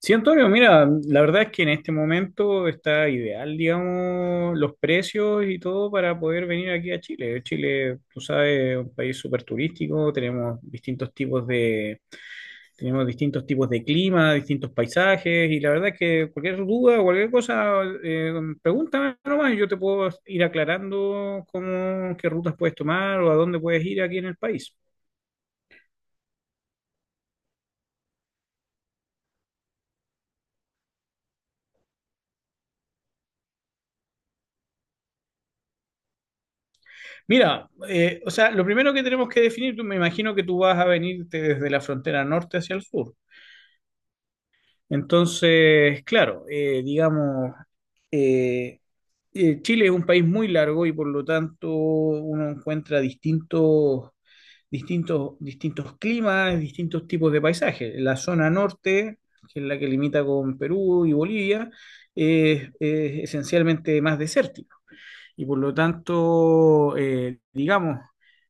Sí, Antonio, mira, la verdad es que en este momento está ideal, digamos, los precios y todo para poder venir aquí a Chile. Chile, tú sabes, es un país súper turístico, tenemos distintos tipos de clima, distintos paisajes, y la verdad es que cualquier duda, o cualquier cosa, pregúntame nomás y yo te puedo ir aclarando cómo, qué rutas puedes tomar o a dónde puedes ir aquí en el país. Mira, o sea, lo primero que tenemos que definir, me imagino que tú vas a venirte desde la frontera norte hacia el sur. Entonces, claro, digamos, eh, Chile es un país muy largo y por lo tanto uno encuentra distintos climas, distintos tipos de paisajes. La zona norte, que es la que limita con Perú y Bolivia, es esencialmente más desértica y por lo tanto, digamos,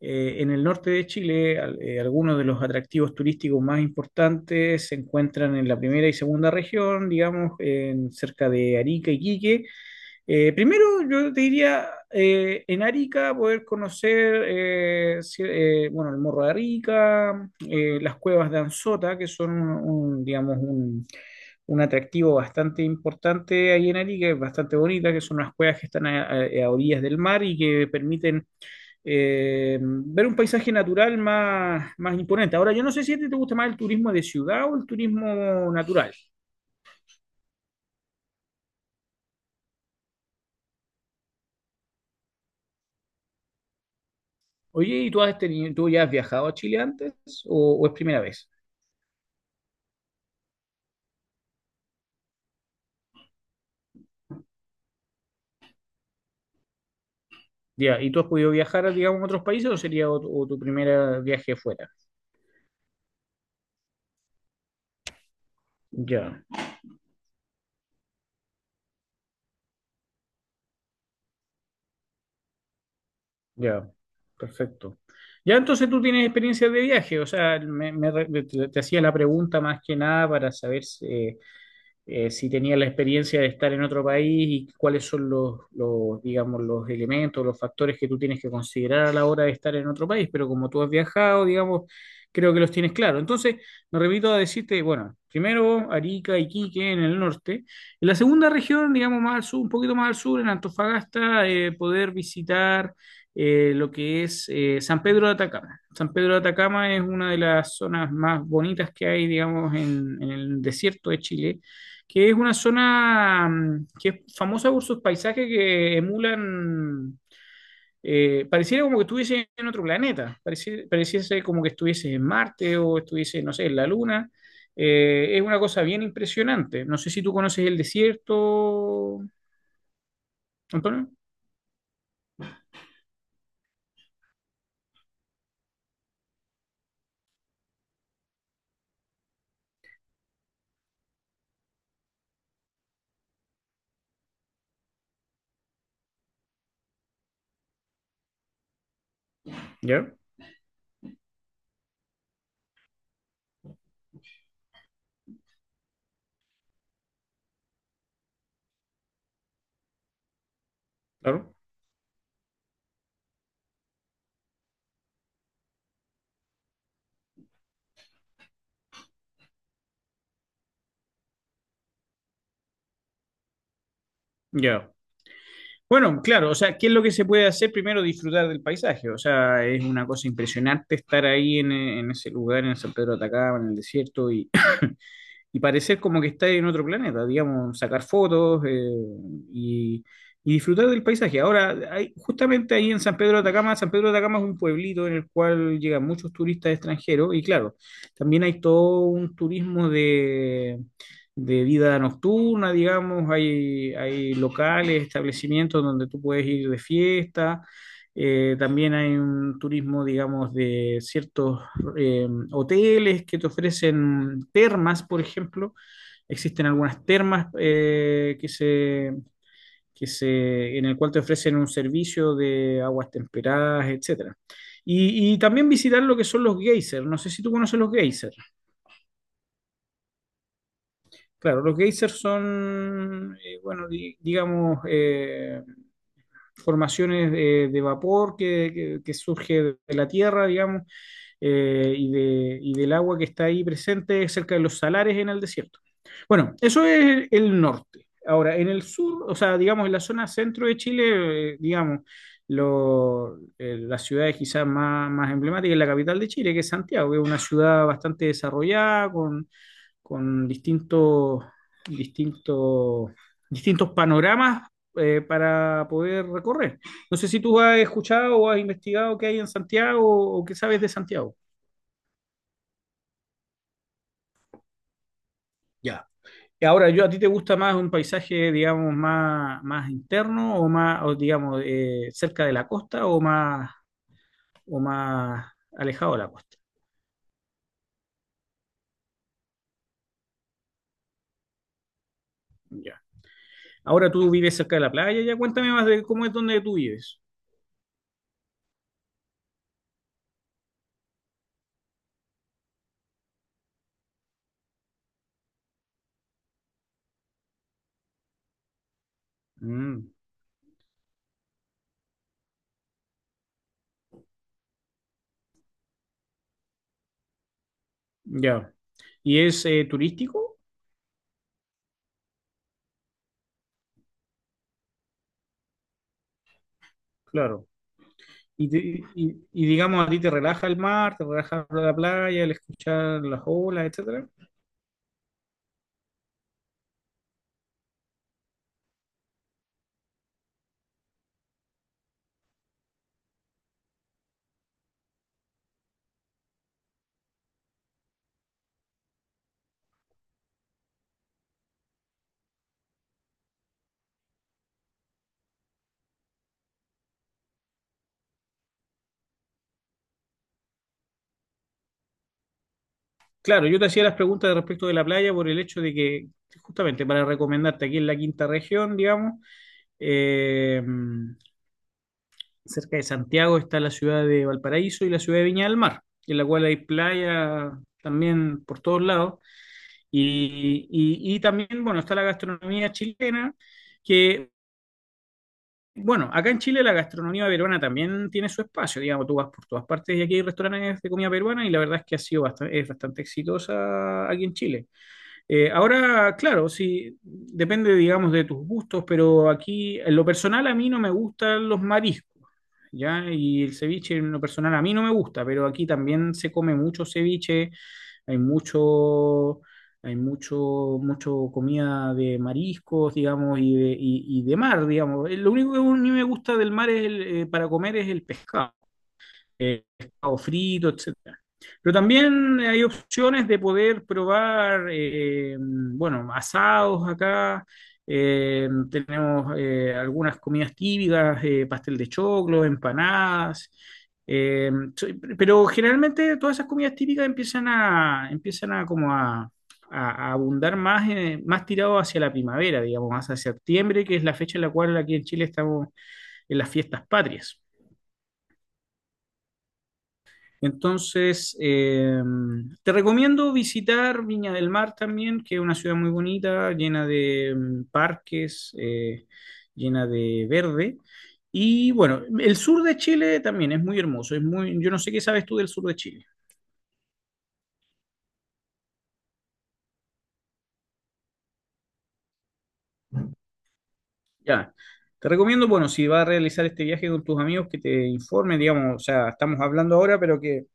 en el norte de Chile, algunos de los atractivos turísticos más importantes se encuentran en la primera y segunda región, digamos, en cerca de Arica y Quique, primero, yo te diría en Arica poder conocer bueno, el Morro de Arica, las cuevas de Anzota, que son un, digamos, un, un atractivo bastante importante ahí en Arica, es bastante bonita, que son unas cuevas que están a orillas del mar y que permiten ver un paisaje natural más imponente. Ahora, yo no sé si a ti te gusta más el turismo de ciudad o el turismo natural. Oye, ¿y tú, has tenido, tú ya has viajado a Chile antes o es primera vez? Ya, ¿y tú has podido viajar, digamos, a otros países o sería o tu primer viaje fuera? Ya, ya, perfecto. Ya, entonces tú tienes experiencia de viaje, o sea, te hacía la pregunta más que nada para saber si, si tenía la experiencia de estar en otro país y cuáles son digamos, los elementos, los factores que tú tienes que considerar a la hora de estar en otro país, pero como tú has viajado, digamos, creo que los tienes claro. Entonces, me repito a decirte, bueno, primero Arica, Iquique en el norte, en la segunda región, digamos, más al sur, un poquito más al sur, en Antofagasta, poder visitar... lo que es San Pedro de Atacama. San Pedro de Atacama es una de las zonas más bonitas que hay, digamos, en el desierto de Chile que es una zona que es famosa por sus paisajes que emulan, pareciera como que estuviese en otro planeta, pareciese como que estuviese en Marte o estuviese, no sé, en la Luna. Es una cosa bien impresionante. No sé si tú conoces el desierto, Antonio. Ya, claro. Ya. Bueno, claro, o sea, ¿qué es lo que se puede hacer? Primero disfrutar del paisaje, o sea, es una cosa impresionante estar ahí en ese lugar, en San Pedro de Atacama, en el desierto, y parecer como que está en otro planeta, digamos, sacar fotos y, y disfrutar del paisaje. Ahora, hay, justamente ahí en San Pedro de Atacama, San Pedro de Atacama es un pueblito en el cual llegan muchos turistas extranjeros y claro, también hay todo un turismo de vida nocturna, digamos, hay locales, establecimientos donde tú puedes ir de fiesta. También hay un turismo, digamos, de ciertos eh, hoteles que te ofrecen termas, por ejemplo. Existen algunas termas que se, en el cual te ofrecen un servicio de aguas temperadas, etcétera. Y también visitar lo que son los geysers. No sé si tú conoces los geysers. Claro, los geysers son, bueno, digamos, formaciones de vapor que, que surge de la tierra, digamos, y, y del agua que está ahí presente cerca de los salares en el desierto. Bueno, eso es el norte. Ahora, en el sur, o sea, digamos, en la zona centro de Chile, digamos, las ciudades quizás más, más emblemáticas es la capital de Chile, que es Santiago, que es una ciudad bastante desarrollada, con, con distintos, distintos, distintos panoramas para poder recorrer. No sé si tú has escuchado o has investigado qué hay en Santiago o qué sabes de Santiago. Ya. Y ahora, yo, ¿a ti te gusta más un paisaje, digamos, más, más interno o más, o, digamos, cerca de la costa o más alejado de la costa? Ya. Ahora tú vives cerca de la playa, ya cuéntame más de cómo es donde tú vives. Mm, ya. ¿Y es turístico? Claro. Y, te- y, digamos, ¿a ti te relaja el mar, te relaja la playa, el escuchar las olas, etcétera? Claro, yo te hacía las preguntas respecto de la playa por el hecho de que, justamente para recomendarte, aquí en la quinta región, digamos, eh, cerca de Santiago está la ciudad de Valparaíso y la ciudad de Viña del Mar, en la cual hay playa también por todos lados. Y también, bueno, está la gastronomía chilena, que, bueno, acá en Chile la gastronomía peruana también tiene su espacio, digamos, tú vas por todas partes y aquí hay restaurantes de comida peruana y la verdad es que ha sido bastante, es bastante exitosa aquí en Chile. Ahora, claro, sí, depende, digamos, de tus gustos, pero aquí, en lo personal, a mí no me gustan los mariscos, ¿ya? Y el ceviche, en lo personal, a mí no me gusta, pero aquí también se come mucho ceviche, hay mucho, hay mucho, mucho comida de mariscos, digamos, y de, y de mar, digamos. Lo único que a mí me gusta del mar es el, para comer es el pescado pescado frito, etcétera. Pero también hay opciones de poder probar, bueno, asados acá. Tenemos algunas comidas típicas, pastel de choclo, empanadas. eh, so- pero generalmente todas esas comidas típicas empiezan a como a, a abundar más, más tirado hacia la primavera, digamos, más hacia septiembre, que es la fecha en la cual aquí en Chile estamos en las fiestas patrias. Entonces, te recomiendo visitar Viña del Mar también, que es una ciudad muy bonita, llena de parques, llena de verde. Y bueno, el sur de Chile también es muy hermoso. Es muy, yo no sé qué sabes tú del sur de Chile. Ya. Te recomiendo, bueno, si vas a realizar este viaje con tus amigos, que te informen, digamos, o sea, estamos hablando ahora, pero que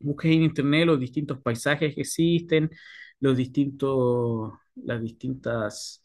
busques en internet los distintos paisajes que existen, los distintos, las distintas,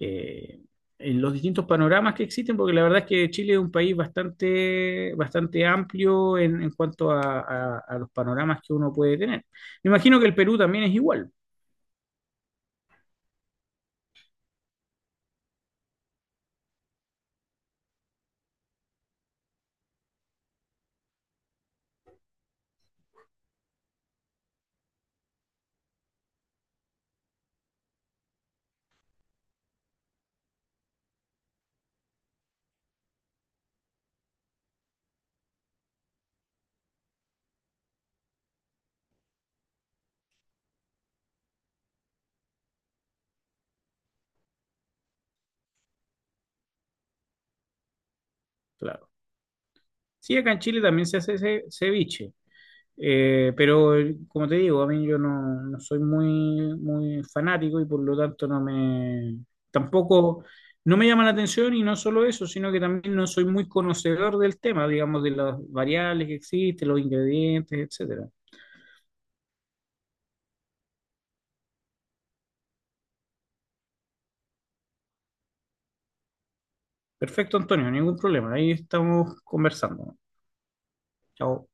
eh, en los distintos panoramas que existen, porque la verdad es que Chile es un país bastante, bastante amplio en cuanto a, a los panoramas que uno puede tener. Me imagino que el Perú también es igual, claro. Sí, acá en Chile también se hace ceviche. Pero como te digo, a mí yo no, no soy muy, muy fanático y por lo tanto no me, tampoco, no me llama la atención y no solo eso, sino que también no soy muy conocedor del tema, digamos, de las variables que existen, los ingredientes, etcétera. Perfecto, Antonio, ningún problema, ahí estamos conversando. Chao.